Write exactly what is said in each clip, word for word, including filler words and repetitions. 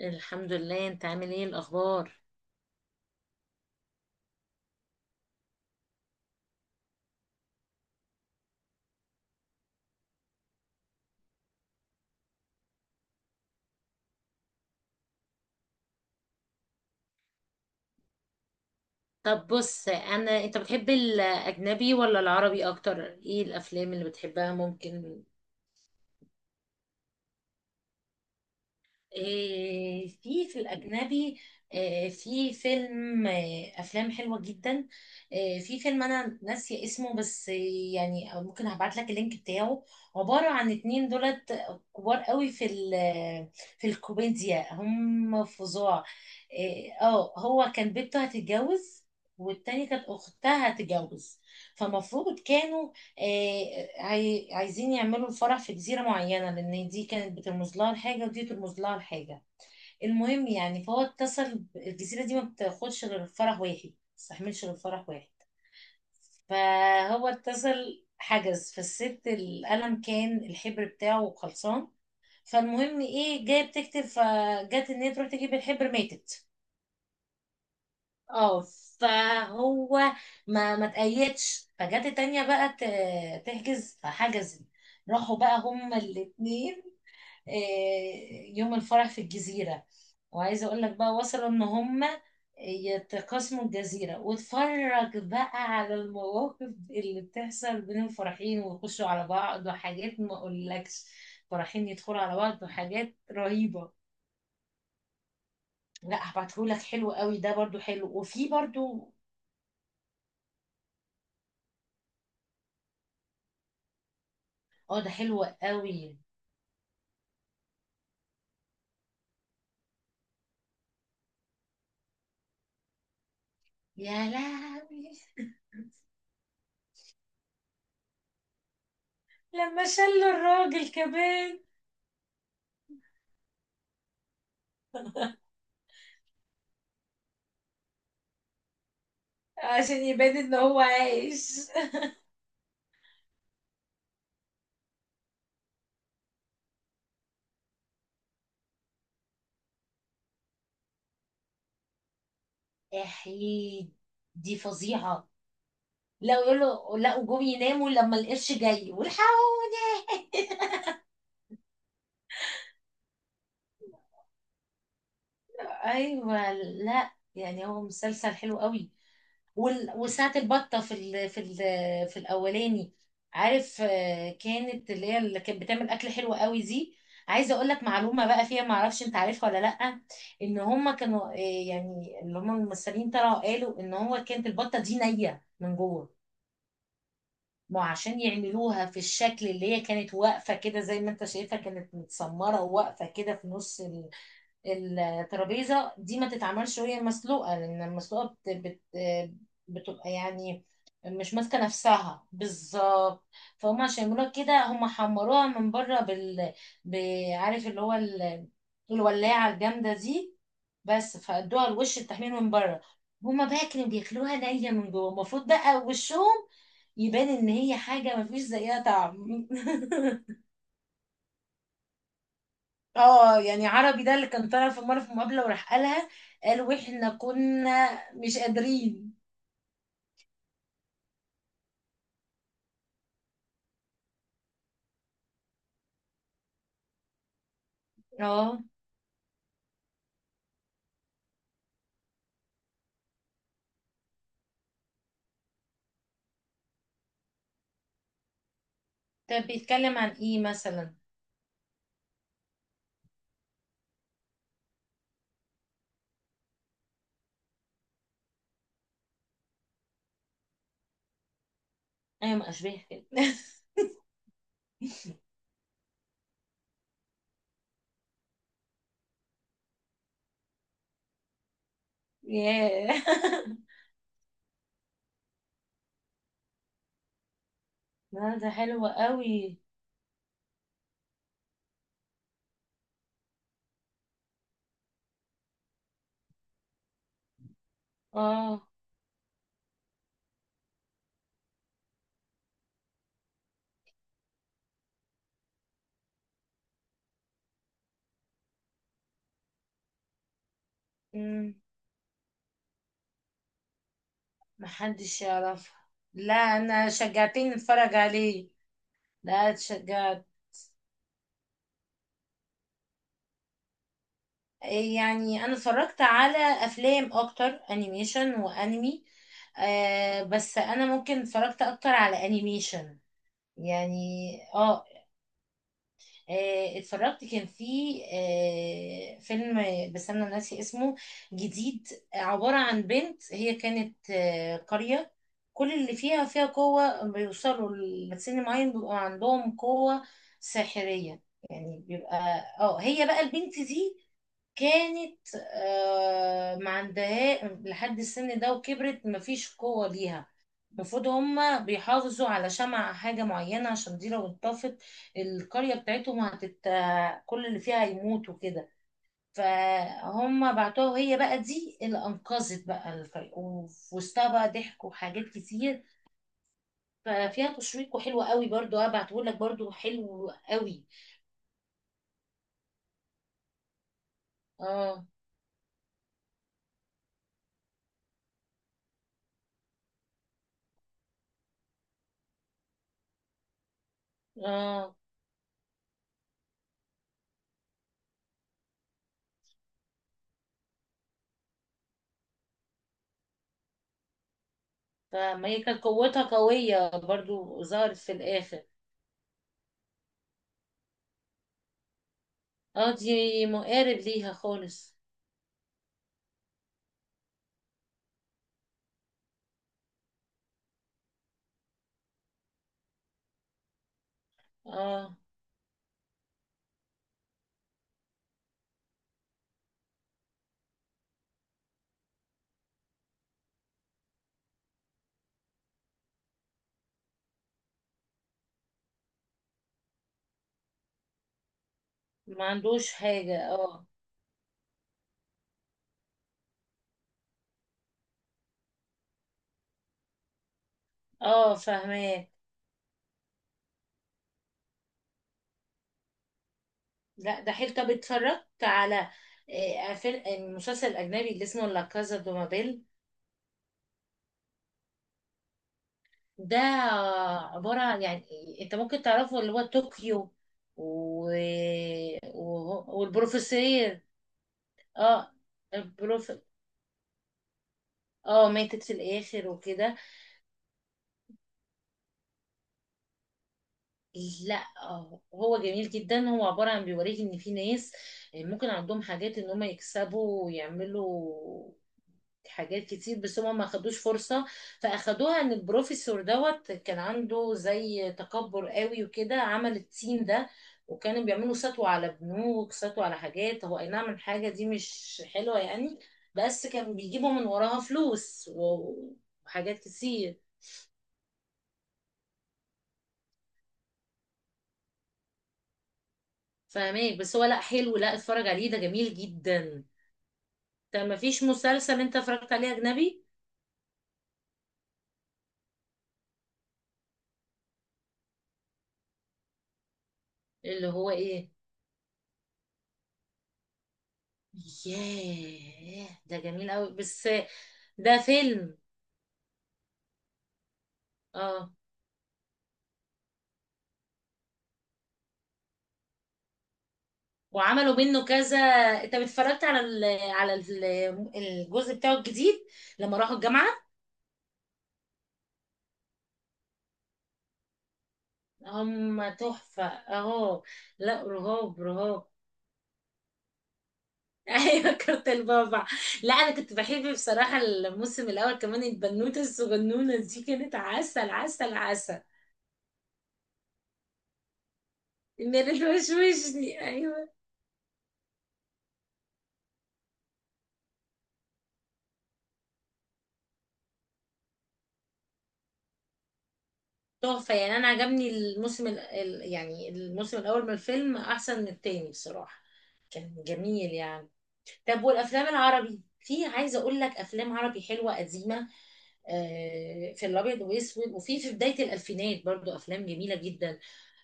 الحمد لله. انت عامل ايه؟ الاخبار؟ طب بص، انا انت بتحب الاجنبي ولا العربي اكتر؟ ايه الافلام اللي بتحبها ممكن؟ إيه، في في الأجنبي إيه، في فيلم، إيه، أفلام حلوة جدا. إيه، في فيلم أنا ناسية اسمه، بس إيه، يعني أو ممكن هبعت لك اللينك بتاعه. عبارة عن اتنين دولت كبار قوي في ال في الكوميديا، هم فظاع. إيه، اه هو كان بنته هتتجوز، والتانية كانت أختها هتتجوز. فمفروض كانوا آه، عاي- عايزين يعملوا الفرح في جزيرة معينة، لأن دي كانت بترمز لها لحاجة ودي ترمز لها لحاجة. المهم يعني، فهو اتصل ب- الجزيرة دي ما بتاخدش غير فرح واحد، ما بتستحملش غير فرح واحد. فهو اتصل حجز، فالست القلم كان الحبر بتاعه خلصان. فالمهم ايه، جايه بتكتب، فجت ان هي تروح تجيب الحبر ماتت. اه. فهو ما ما تقيدش، فجت التانية بقى ت- تحجز فحجزت. راحوا بقى هما الاتنين آه، يوم الفرح في الجزيرة. وعايزة اقول لك بقى وصلوا ان هما يتقاسموا الجزيرة، واتفرج بقى على المواقف اللي بتحصل بين الفرحين، ويخشوا على بعض وحاجات ما اقولكش. فرحين يدخلوا على بعض وحاجات رهيبة. لا، هبعتهولك، حلو قوي ده، برضو حلو. وفي برضو اه، ده حلو قوي. يا لهوي، لما شلوا الراجل كمان عشان يبان ان هو عايش. احيد، دي فظيعة. لا، يقولوا لا وجم يناموا لما القرش جاي، والحقوني. ايوه. لا يعني، هو مسلسل حلو قوي. وال- وساعة البطة في ال في ال في الأولاني. عارف؟ آه، كانت اللي هي اللي كانت بتعمل أكل حلو قوي دي. عايزة أقول لك معلومة بقى فيها، معرفش أنت عارفها ولا لأ. إن هما كانوا، آه، يعني اللي هما الممثلين طلعوا قالوا إن هو كانت البطة دي نية من جوه. ما هو عشان يعملوها في الشكل اللي هي كانت واقفة كده، زي ما أنت شايفها كانت متسمرة واقفة كده في نص الترابيزه دي، ما تتعملش وهي مسلوقه، لان المسلوقه بت... بت... بتبقى يعني مش ماسكه نفسها بالظبط. فهم عشان يعملوها كده هم حمروها من بره بال، ب- عارف اللي هو ال، الولاعه الجامده دي. بس فادوها الوش، التحمير من بره. هما بقى كانوا بياكلوها نيه من جوه، المفروض بقى وشهم يبان ان هي حاجه مفيش زيها طعم. اه يعني عربي، ده اللي كان طالع في مرة في مقابلة وراح قالها. قال واحنا كنا مش قادرين. اه. طب بيتكلم عن ايه مثلا؟ ايوه، ما اشبه كده. ياه. لا، ده حلو قوي. اه. امم، محدش يعرفها. لا، انا شجعتني اتفرج عليه. لا، اتشجعت. إيه يعني، انا اتفرجت على افلام اكتر، انيميشن وانمي. آه، بس انا ممكن اتفرجت اكتر على انيميشن، يعني اه. آه، اتفرجت، كان في آه، فيلم، بس انا ناسي اسمه، جديد. عبارة عن بنت، هي كانت آه، قرية كل اللي فيها فيها قوة، بيوصلوا لسن معين بيبقى عندهم قوة ساحرية، يعني بيبقى. اه، هي بقى البنت دي كانت آه، ما عندها لحد السن ده، وكبرت مفيش قوة ليها. المفروض هما بيحافظوا على شمع حاجة معينة، عشان دي لو انطفت القرية بتاعتهم هتت، كل اللي فيها هيموتوا كده. فهم بعتوها، وهي بقى دي اللي أنقذت بقى الفريق، وفي وسطها بقى ضحك وحاجات كتير. ففيها تشويق، وحلو قوي برضو، هبعته لك، برضو حلو قوي. اه اه. فما هي كانت قوتها قوية برضو، ظهرت في الآخر. اه، دي مقارب ليها خالص. اه، ما عندوش حاجة. اه اه، فاهماه. لا، ده حلو. طب اتفرجت على آه، فيلم المسلسل الأجنبي اللي اسمه لا كازا دو بابيل؟ ده آه، عبارة عن يعني، انت ممكن تعرفه، اللي هو طوكيو و، و، والبروفيسير. اه. البروف، اه ماتت في الآخر وكده. لا، آه، هو جميل جدا، هو عبارة عن بيوريك ان في ناس آه، ممكن عندهم حاجات ان هم يكسبوا ويعملوا حاجات كتير، بس هما ما خدوش فرصة. فأخدوها إن البروفيسور دوت كان عنده زي تكبر قوي، وكده عمل التيم ده. وكانوا بيعملوا سطو على بنوك، سطو على حاجات، هو أي نعم الحاجة دي مش حلوة يعني، بس كان بيجيبوا من وراها فلوس و، وحاجات كتير. فاهمك، بس هو لا حلو، لا اتفرج عليه، ده جميل جدا. طب ما فيش مسلسل انت اتفرجت عليه اجنبي؟ اللي هو ايه؟ ياه، ده جميل قوي بس. ده فيلم. اه، وعملوا منه كذا. انت اتفرجت على ال، على ال، الجزء بتاعه الجديد، لما راحوا الجامعة؟ هم تحفة اهو. لا، رهاب رهاب. ايوه، كارت البابا. لا، انا كنت بحب بصراحة الموسم الاول كمان، البنوتة الصغنونة دي كانت عسل عسل عسل. ميري توشوشني، ايوه. تحفة يعني. انا عجبني الموسم ال، ال- يعني الموسم الاول من الفيلم احسن من التاني بصراحة، كان جميل يعني. طب والافلام العربي، في عايزه اقول لك افلام عربي حلوه قديمه، آه، في الابيض واسود، وفي في بدايه الالفينات برضو افلام جميله جدا،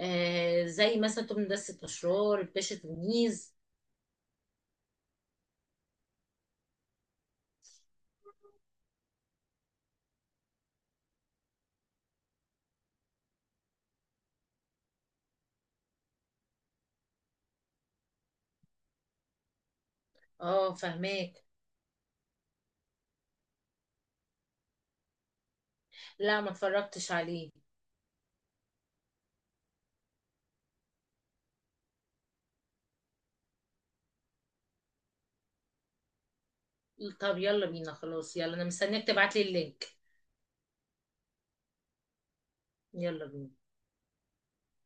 آه، زي مثلا توم دسة، اشرار، الباشا تلميذ. اه، فهماك. لا، ما اتفرجتش عليه. طب يلا بينا، خلاص يلا، انا مستنياك تبعت لي اللينك. يلا بينا.